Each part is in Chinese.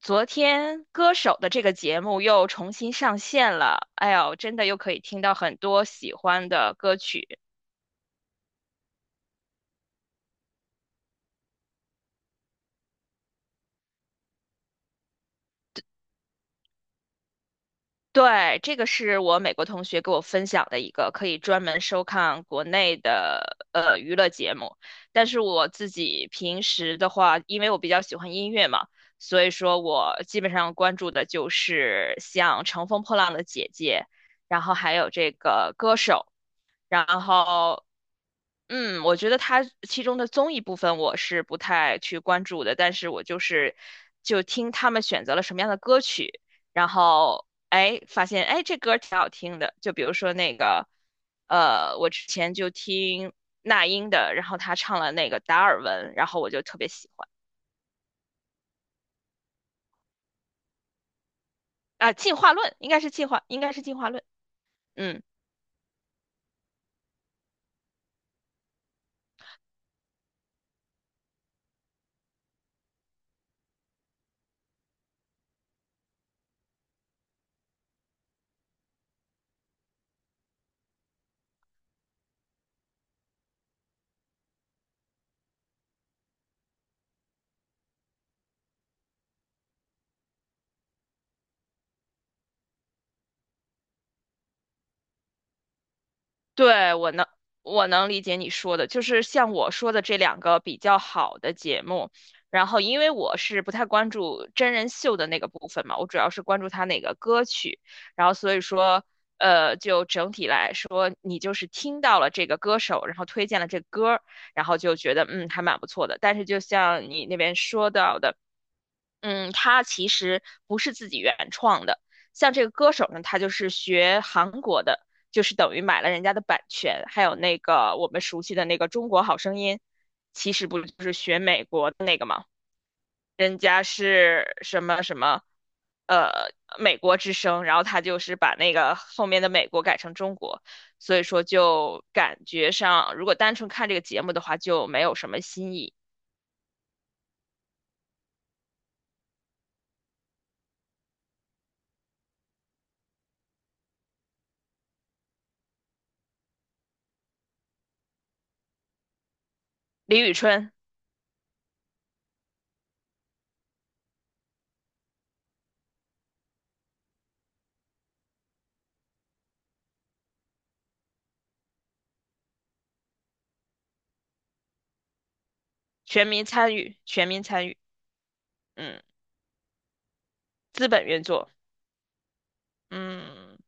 昨天《歌手》的这个节目又重新上线了，哎呦，真的又可以听到很多喜欢的歌曲。对，这个是我美国同学给我分享的一个可以专门收看国内的娱乐节目，但是我自己平时的话，因为我比较喜欢音乐嘛，所以说我基本上关注的就是像《乘风破浪的姐姐》，然后还有这个《歌手》。然后嗯，我觉得它其中的综艺部分我是不太去关注的，但是我就是就听他们选择了什么样的歌曲，然后哎发现哎这歌儿挺好听的，就比如说那个我之前就听那英的，然后她唱了那个达尔文，然后我就特别喜欢啊进化论应该是进化论，嗯。对，我能理解你说的，就是像我说的这两个比较好的节目，然后因为我是不太关注真人秀的那个部分嘛，我主要是关注他那个歌曲，然后所以说，就整体来说，你就是听到了这个歌手，然后推荐了这个歌儿，然后就觉得嗯还蛮不错的。但是就像你那边说到的。嗯，他其实不是自己原创的。像这个歌手呢，他就是学韩国的，就是等于买了人家的版权，还有那个我们熟悉的那个《中国好声音》，其实不就是学美国的那个吗？人家是什么什么，呃，美国之声，然后他就是把那个后面的美国改成中国，所以说就感觉上，如果单纯看这个节目的话，就没有什么新意。李宇春，全民参与，全民参与，嗯。资本运作。嗯，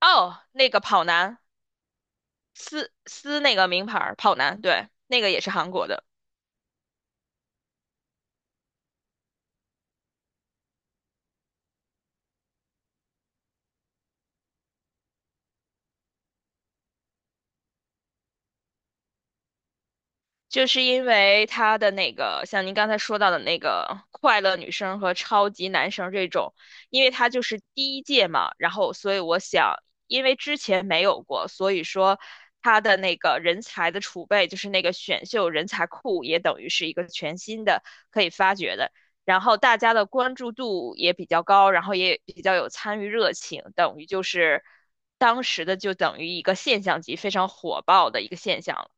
哦，那个跑男，撕那个名牌儿跑男，对，那个也是韩国的。就是因为他的那个，像您刚才说到的那个快乐女生和超级男生这种，因为他就是第一届嘛，然后所以我想，因为之前没有过，所以说他的那个人才的储备，就是那个选秀人才库，也等于是一个全新的可以发掘的。然后大家的关注度也比较高，然后也比较有参与热情，等于就是当时的就等于一个现象级，非常火爆的一个现象。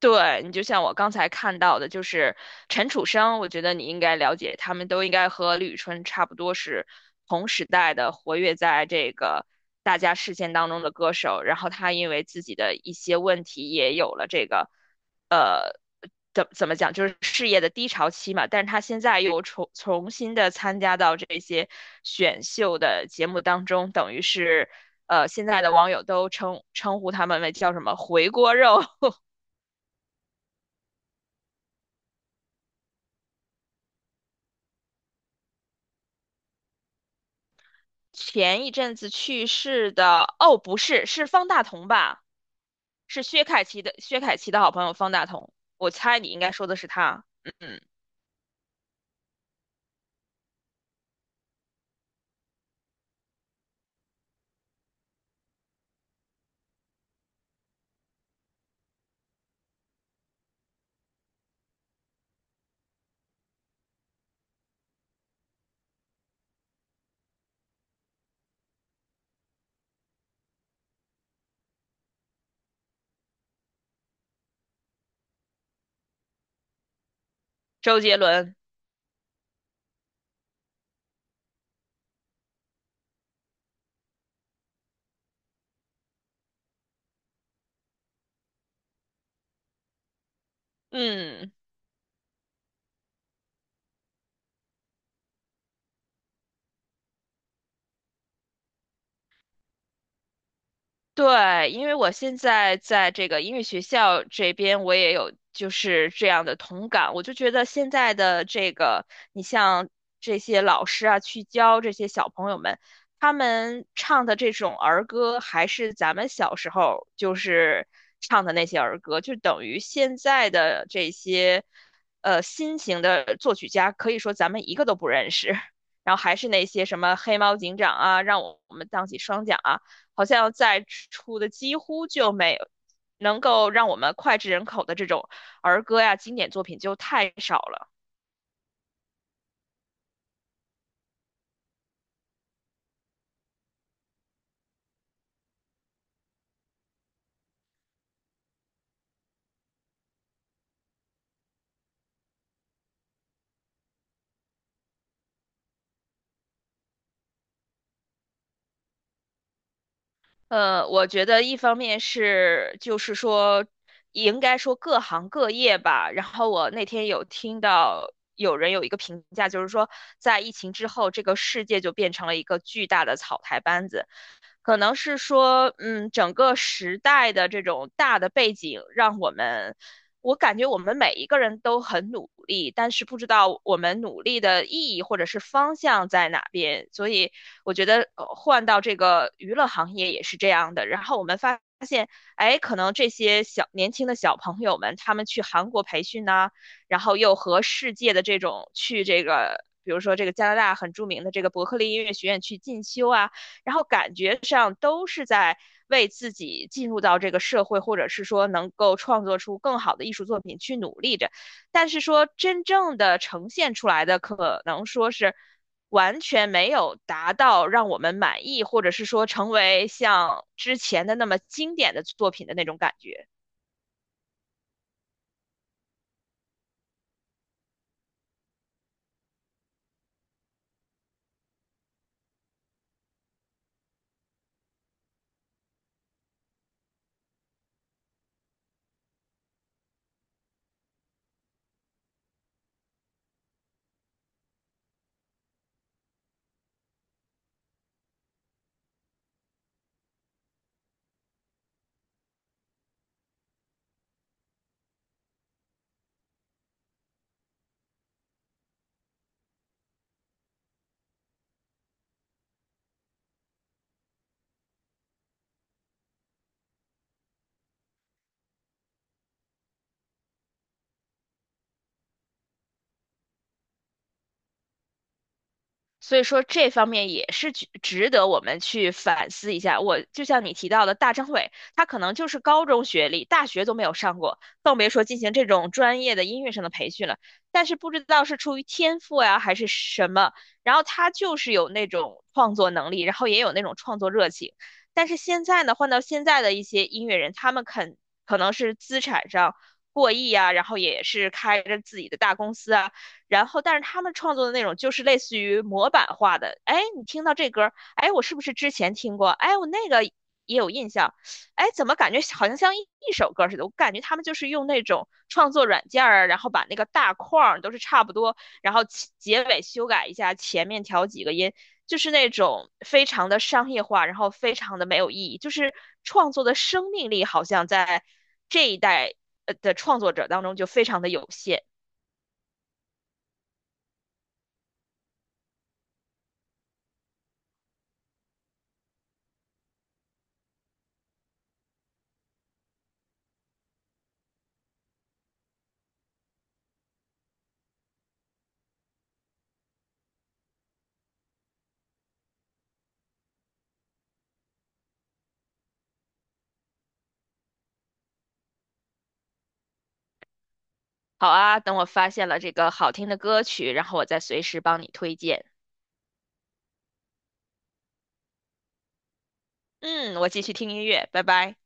对，你就像我刚才看到的，就是陈楚生，我觉得你应该了解，他们都应该和李宇春差不多是同时代的，活跃在这个大家视线当中的歌手。然后他因为自己的一些问题，也有了这个，呃，怎么讲，就是事业的低潮期嘛。但是他现在又重新参加到这些选秀的节目当中，等于是。现在的网友都称呼他们为叫什么"回锅肉"，前一阵子去世的，哦，不是，是方大同吧？是薛凯琪的，薛凯琪的好朋友方大同。我猜你应该说的是他。嗯，嗯周杰伦。嗯。对，因为我现在在这个音乐学校这边，我也有就是这样的同感。我就觉得现在的这个，你像这些老师啊，去教这些小朋友们，他们唱的这种儿歌，还是咱们小时候就是唱的那些儿歌，就等于现在的这些新型的作曲家，可以说咱们一个都不认识。然后还是那些什么黑猫警长啊，让我们荡起双桨啊。好像在出的几乎就没有能够让我们脍炙人口的这种儿歌呀、经典作品就太少了。我觉得一方面是就是说，应该说各行各业吧。然后我那天有听到有人有一个评价，就是说在疫情之后，这个世界就变成了一个巨大的草台班子。可能是说，嗯，整个时代的这种大的背景，让我们，我感觉我们每一个人都很努力，但是不知道我们努力的意义或者是方向在哪边。所以我觉得换到这个娱乐行业也是这样的。然后我们发现，哎，可能这些小年轻的小朋友们，他们去韩国培训呐、然后又和世界的这种去这个。比如说，这个加拿大很著名的这个伯克利音乐学院去进修啊，然后感觉上都是在为自己进入到这个社会，或者是说能够创作出更好的艺术作品去努力着，但是说真正的呈现出来的，可能说是完全没有达到让我们满意，或者是说成为像之前的那么经典的作品的那种感觉。所以说这方面也是值得我们去反思一下。我就像你提到的，大张伟，他可能就是高中学历，大学都没有上过，更别说进行这种专业的音乐上的培训了。但是不知道是出于天赋呀，还是什么，然后他就是有那种创作能力，然后也有那种创作热情。但是现在呢，换到现在的一些音乐人，他们肯可能是资产上过亿啊，然后也是开着自己的大公司啊。然后，但是他们创作的内容就是类似于模板化的。哎，你听到这歌哎，我是不是之前听过？哎，我那个也有印象。哎，怎么感觉好像像一首歌似的？我感觉他们就是用那种创作软件儿，然后把那个大框儿都是差不多，然后其结尾修改一下，前面调几个音，就是那种非常的商业化，然后非常的没有意义。就是创作的生命力好像在这一代的创作者当中就非常的有限。好啊，等我发现了这个好听的歌曲，然后我再随时帮你推荐。嗯，我继续听音乐，拜拜。